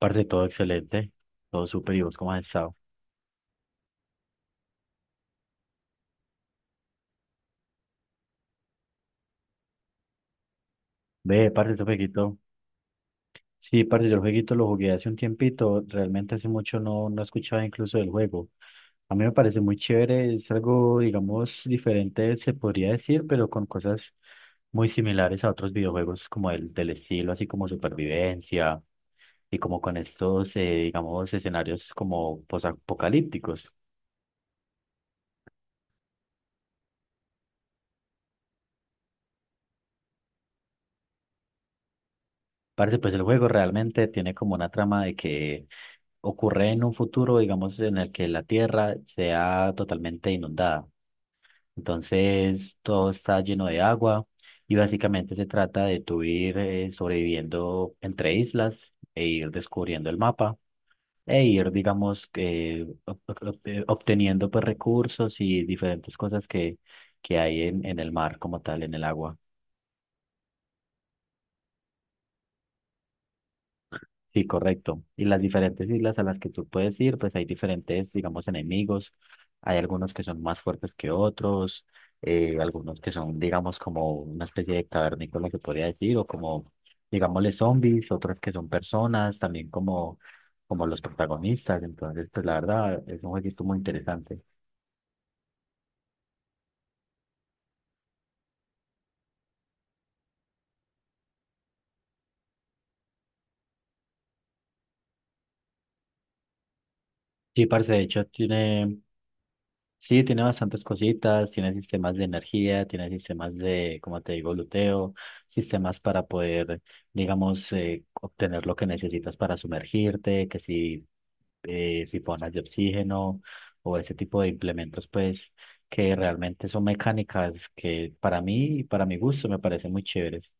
Parce, todo excelente, todo súper y vos cómo has estado. Ve, parce, ese jueguito. Sí, parce, yo el jueguito lo jugué hace un tiempito, realmente hace mucho no escuchaba incluso del juego. A mí me parece muy chévere, es algo, digamos, diferente, se podría decir, pero con cosas muy similares a otros videojuegos como el del estilo, así como supervivencia y como con estos, digamos, escenarios como posapocalípticos. Parce, pues el juego realmente tiene como una trama de que ocurre en un futuro, digamos, en el que la Tierra sea totalmente inundada. Entonces, todo está lleno de agua y básicamente se trata de tú ir sobreviviendo entre islas e ir descubriendo el mapa e ir, digamos, que obteniendo pues recursos y diferentes cosas que hay en el mar como tal, en el agua. Sí, correcto. Y las diferentes islas a las que tú puedes ir, pues hay diferentes, digamos, enemigos. Hay algunos que son más fuertes que otros, algunos que son, digamos, como una especie de cavernícola que podría decir, o como, digámosle, zombies, otros que son personas, también como los protagonistas. Entonces, pues la verdad, es un jueguito muy interesante. Sí, parce, de hecho, tiene. Sí, tiene bastantes cositas, tiene sistemas de energía, tiene sistemas de, como te digo, luteo, sistemas para poder, digamos, obtener lo que necesitas para sumergirte, que si piponas de oxígeno o ese tipo de implementos, pues, que realmente son mecánicas que para mí y para mi gusto me parecen muy chéveres.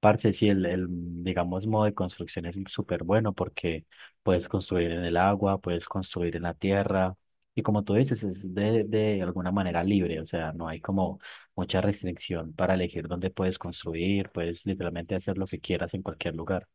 Parce, sí, digamos, modo de construcción es súper bueno porque puedes construir en el agua, puedes construir en la tierra y como tú dices, es de alguna manera libre, o sea, no hay como mucha restricción para elegir dónde puedes construir, puedes literalmente hacer lo que quieras en cualquier lugar.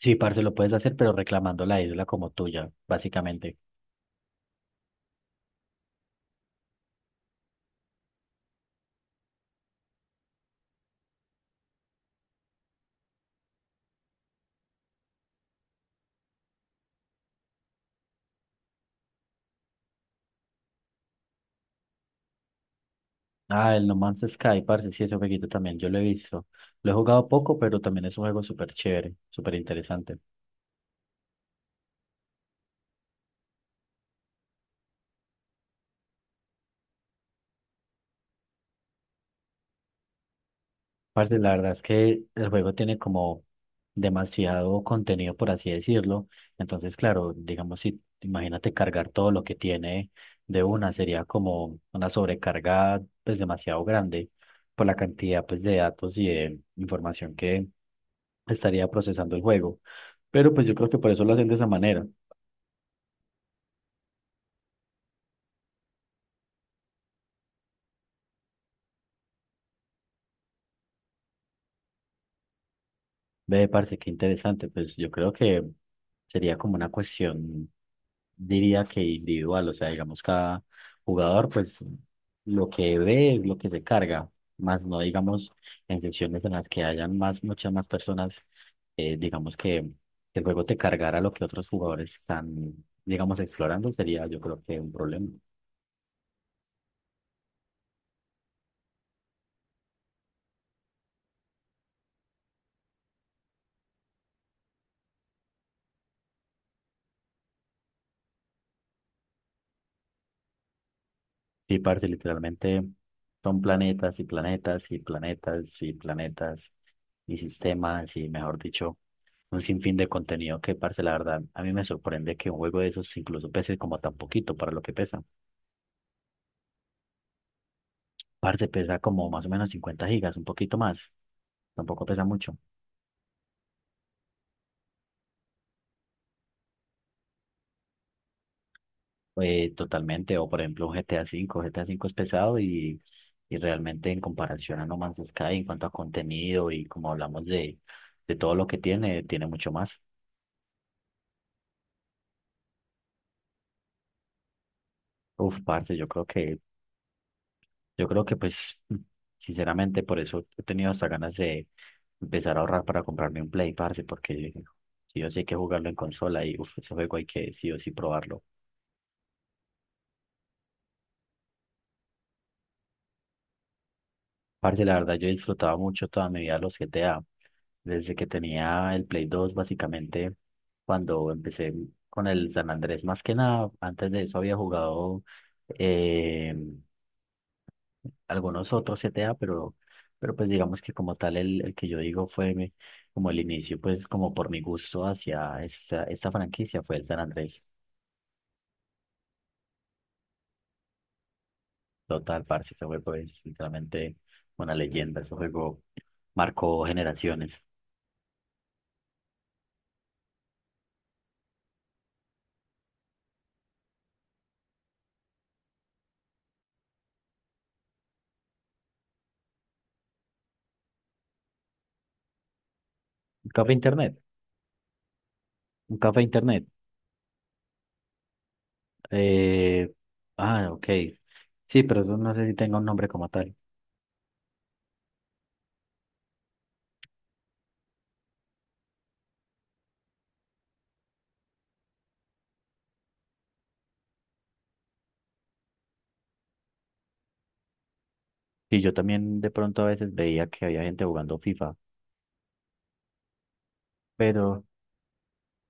Sí, parce, lo puedes hacer, pero reclamando la isla como tuya, básicamente. Ah, el No Man's Sky, parce, sí, ese jueguito también yo lo he visto. Lo he jugado poco, pero también es un juego súper chévere, súper interesante. Parce, la verdad es que el juego tiene como demasiado contenido, por así decirlo. Entonces, claro, digamos, si imagínate cargar todo lo que tiene de una, sería como una sobrecarga pues demasiado grande por la cantidad pues de datos y de información que estaría procesando el juego. Pero pues yo creo que por eso lo hacen de esa manera. Ve, parce, qué interesante. Pues yo creo que sería como una cuestión, diría que individual, o sea, digamos, cada jugador, pues lo que ve es lo que se carga, más no, digamos, en sesiones en las que hayan más, muchas más personas, digamos que el juego te cargara lo que otros jugadores están, digamos, explorando, sería yo creo que un problema. Sí, parce, literalmente son planetas y planetas y planetas y planetas y sistemas y, mejor dicho, un sinfín de contenido que, parce, la verdad, a mí me sorprende que un juego de esos incluso pese como tan poquito para lo que pesa. Parce, pesa como más o menos 50 gigas, un poquito más, tampoco pesa mucho. Totalmente, o por ejemplo un GTA V, GTA V es pesado y realmente en comparación a No Man's Sky en cuanto a contenido y como hablamos de todo lo que tiene, tiene mucho más. Uf, parce, yo creo que. Yo creo que pues, sinceramente, por eso he tenido hasta ganas de empezar a ahorrar para comprarme un Play, parce, porque sí o sí hay que jugarlo en consola y uf, ese juego hay que sí o sí probarlo. Parce, la verdad, yo disfrutaba mucho toda mi vida los GTA. Desde que tenía el Play 2 básicamente, cuando empecé con el San Andrés, más que nada, antes de eso había jugado eh, algunos otros CTA, pero pues digamos que como tal el que yo digo fue mi como el inicio, pues como por mi gusto hacia esta, esta franquicia fue el San Andrés. Total, parce, ese juego es literalmente una leyenda, ese juego marcó generaciones. Un café internet, un café internet. Eh, ok. Sí, pero eso no sé si tenga un nombre como tal. Y yo también de pronto a veces veía que había gente jugando FIFA, pero.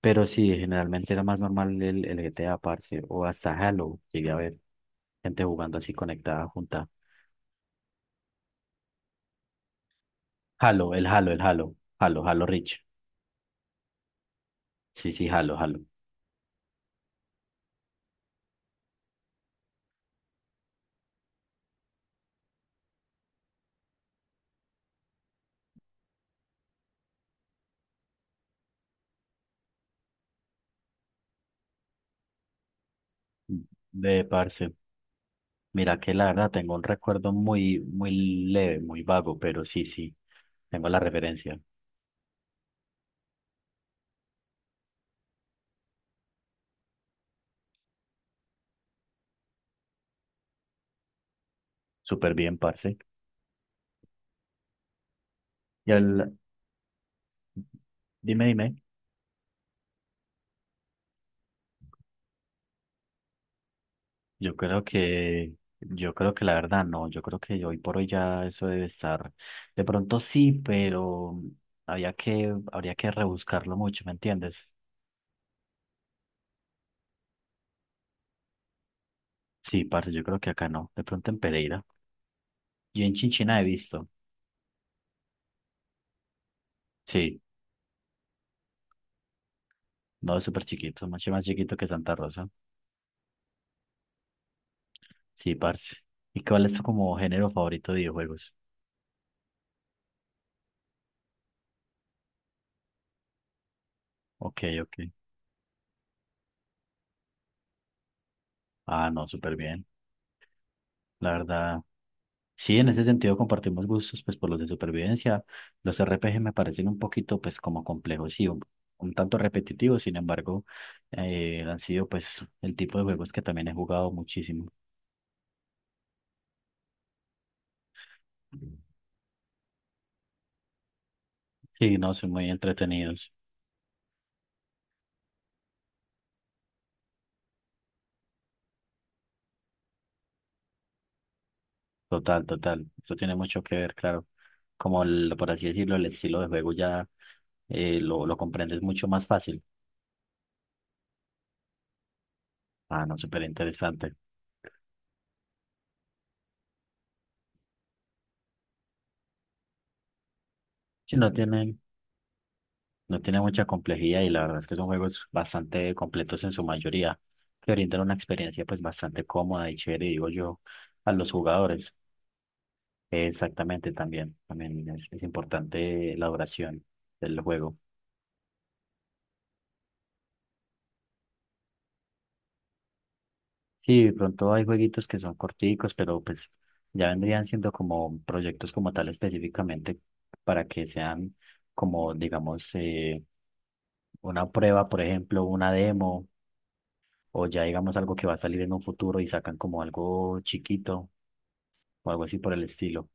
Pero sí, generalmente era más normal el GTA, parce, o hasta Halo. Llegué a ver gente jugando así conectada junta. Halo Reach. Sí, sí, Halo, Halo. Ve, parce, mira que la verdad tengo un recuerdo muy, muy leve, muy vago, pero sí, sí, tengo la referencia. Súper bien, parce. Y el, dime, dime. Yo creo que la verdad no, yo creo que hoy por hoy ya eso debe estar, de pronto sí, pero había que, habría que rebuscarlo mucho, ¿me entiendes? Sí, parce, yo creo que acá no, de pronto en Pereira. Yo en Chinchina he visto, sí, no, es súper chiquito, mucho más chiquito que Santa Rosa, sí, parce. ¿Y cuál es tu como género favorito de videojuegos? Ok, ok, ah, no, súper bien, la verdad. Sí, en ese sentido compartimos gustos, pues por los de supervivencia. Los RPG me parecen un poquito, pues como complejos y un tanto repetitivos, sin embargo, han sido pues el tipo de juegos que también he jugado muchísimo. Sí, no, son muy entretenidos. Total, total. Eso tiene mucho que ver, claro. Como el, por así decirlo, el estilo de juego ya lo comprendes mucho más fácil. Ah, no, súper interesante. Si no tiene No tiene mucha complejidad y la verdad es que son juegos bastante completos en su mayoría, que brindan una experiencia pues bastante cómoda y chévere, digo yo, a los jugadores. Exactamente, también, también es importante la duración del juego. Sí, de pronto hay jueguitos que son corticos, pero pues ya vendrían siendo como proyectos como tal específicamente para que sean como, digamos, una prueba, por ejemplo, una demo o ya digamos algo que va a salir en un futuro y sacan como algo chiquito o algo así por el estilo.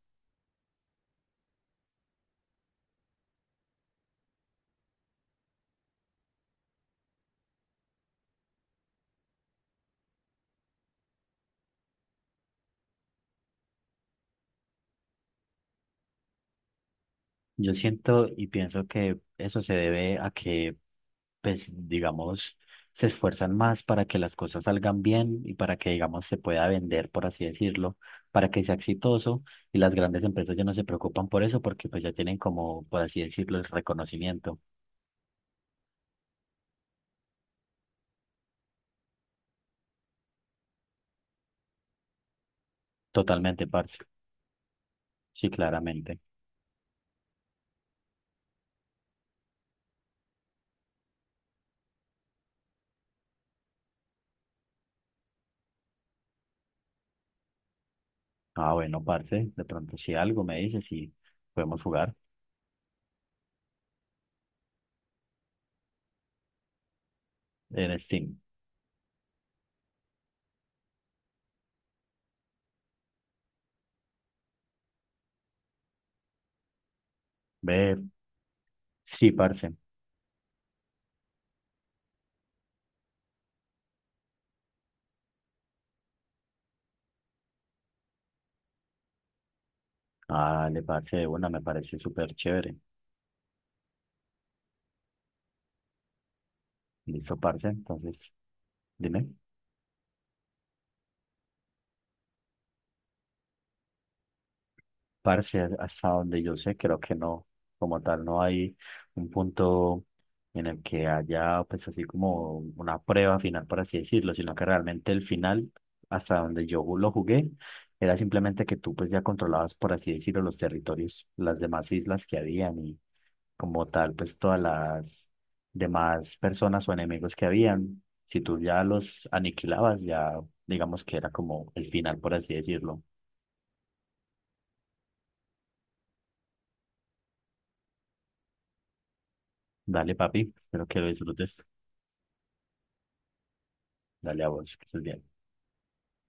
Yo siento y pienso que eso se debe a que, pues, digamos, se esfuerzan más para que las cosas salgan bien y para que, digamos, se pueda vender, por así decirlo, para que sea exitoso y las grandes empresas ya no se preocupan por eso porque pues ya tienen como, por así decirlo, el reconocimiento. Totalmente, parce. Sí, claramente. Ah, bueno, parce, de pronto si algo me dices y podemos jugar en Steam. Ve, sí, parce. Dale, parce, de una, me parece súper chévere. Listo, parce. Entonces, dime, parce, hasta donde yo sé, creo que no, como tal, no hay un punto en el que haya, pues, así como una prueba final, por así decirlo, sino que realmente el final, hasta donde yo lo jugué, era simplemente que tú, pues, ya controlabas, por así decirlo, los territorios, las demás islas que habían como tal, pues todas las demás personas o enemigos que habían, si tú ya los aniquilabas, ya digamos que era como el final, por así decirlo. Dale, papi, espero que lo disfrutes. Dale a vos, que estés bien.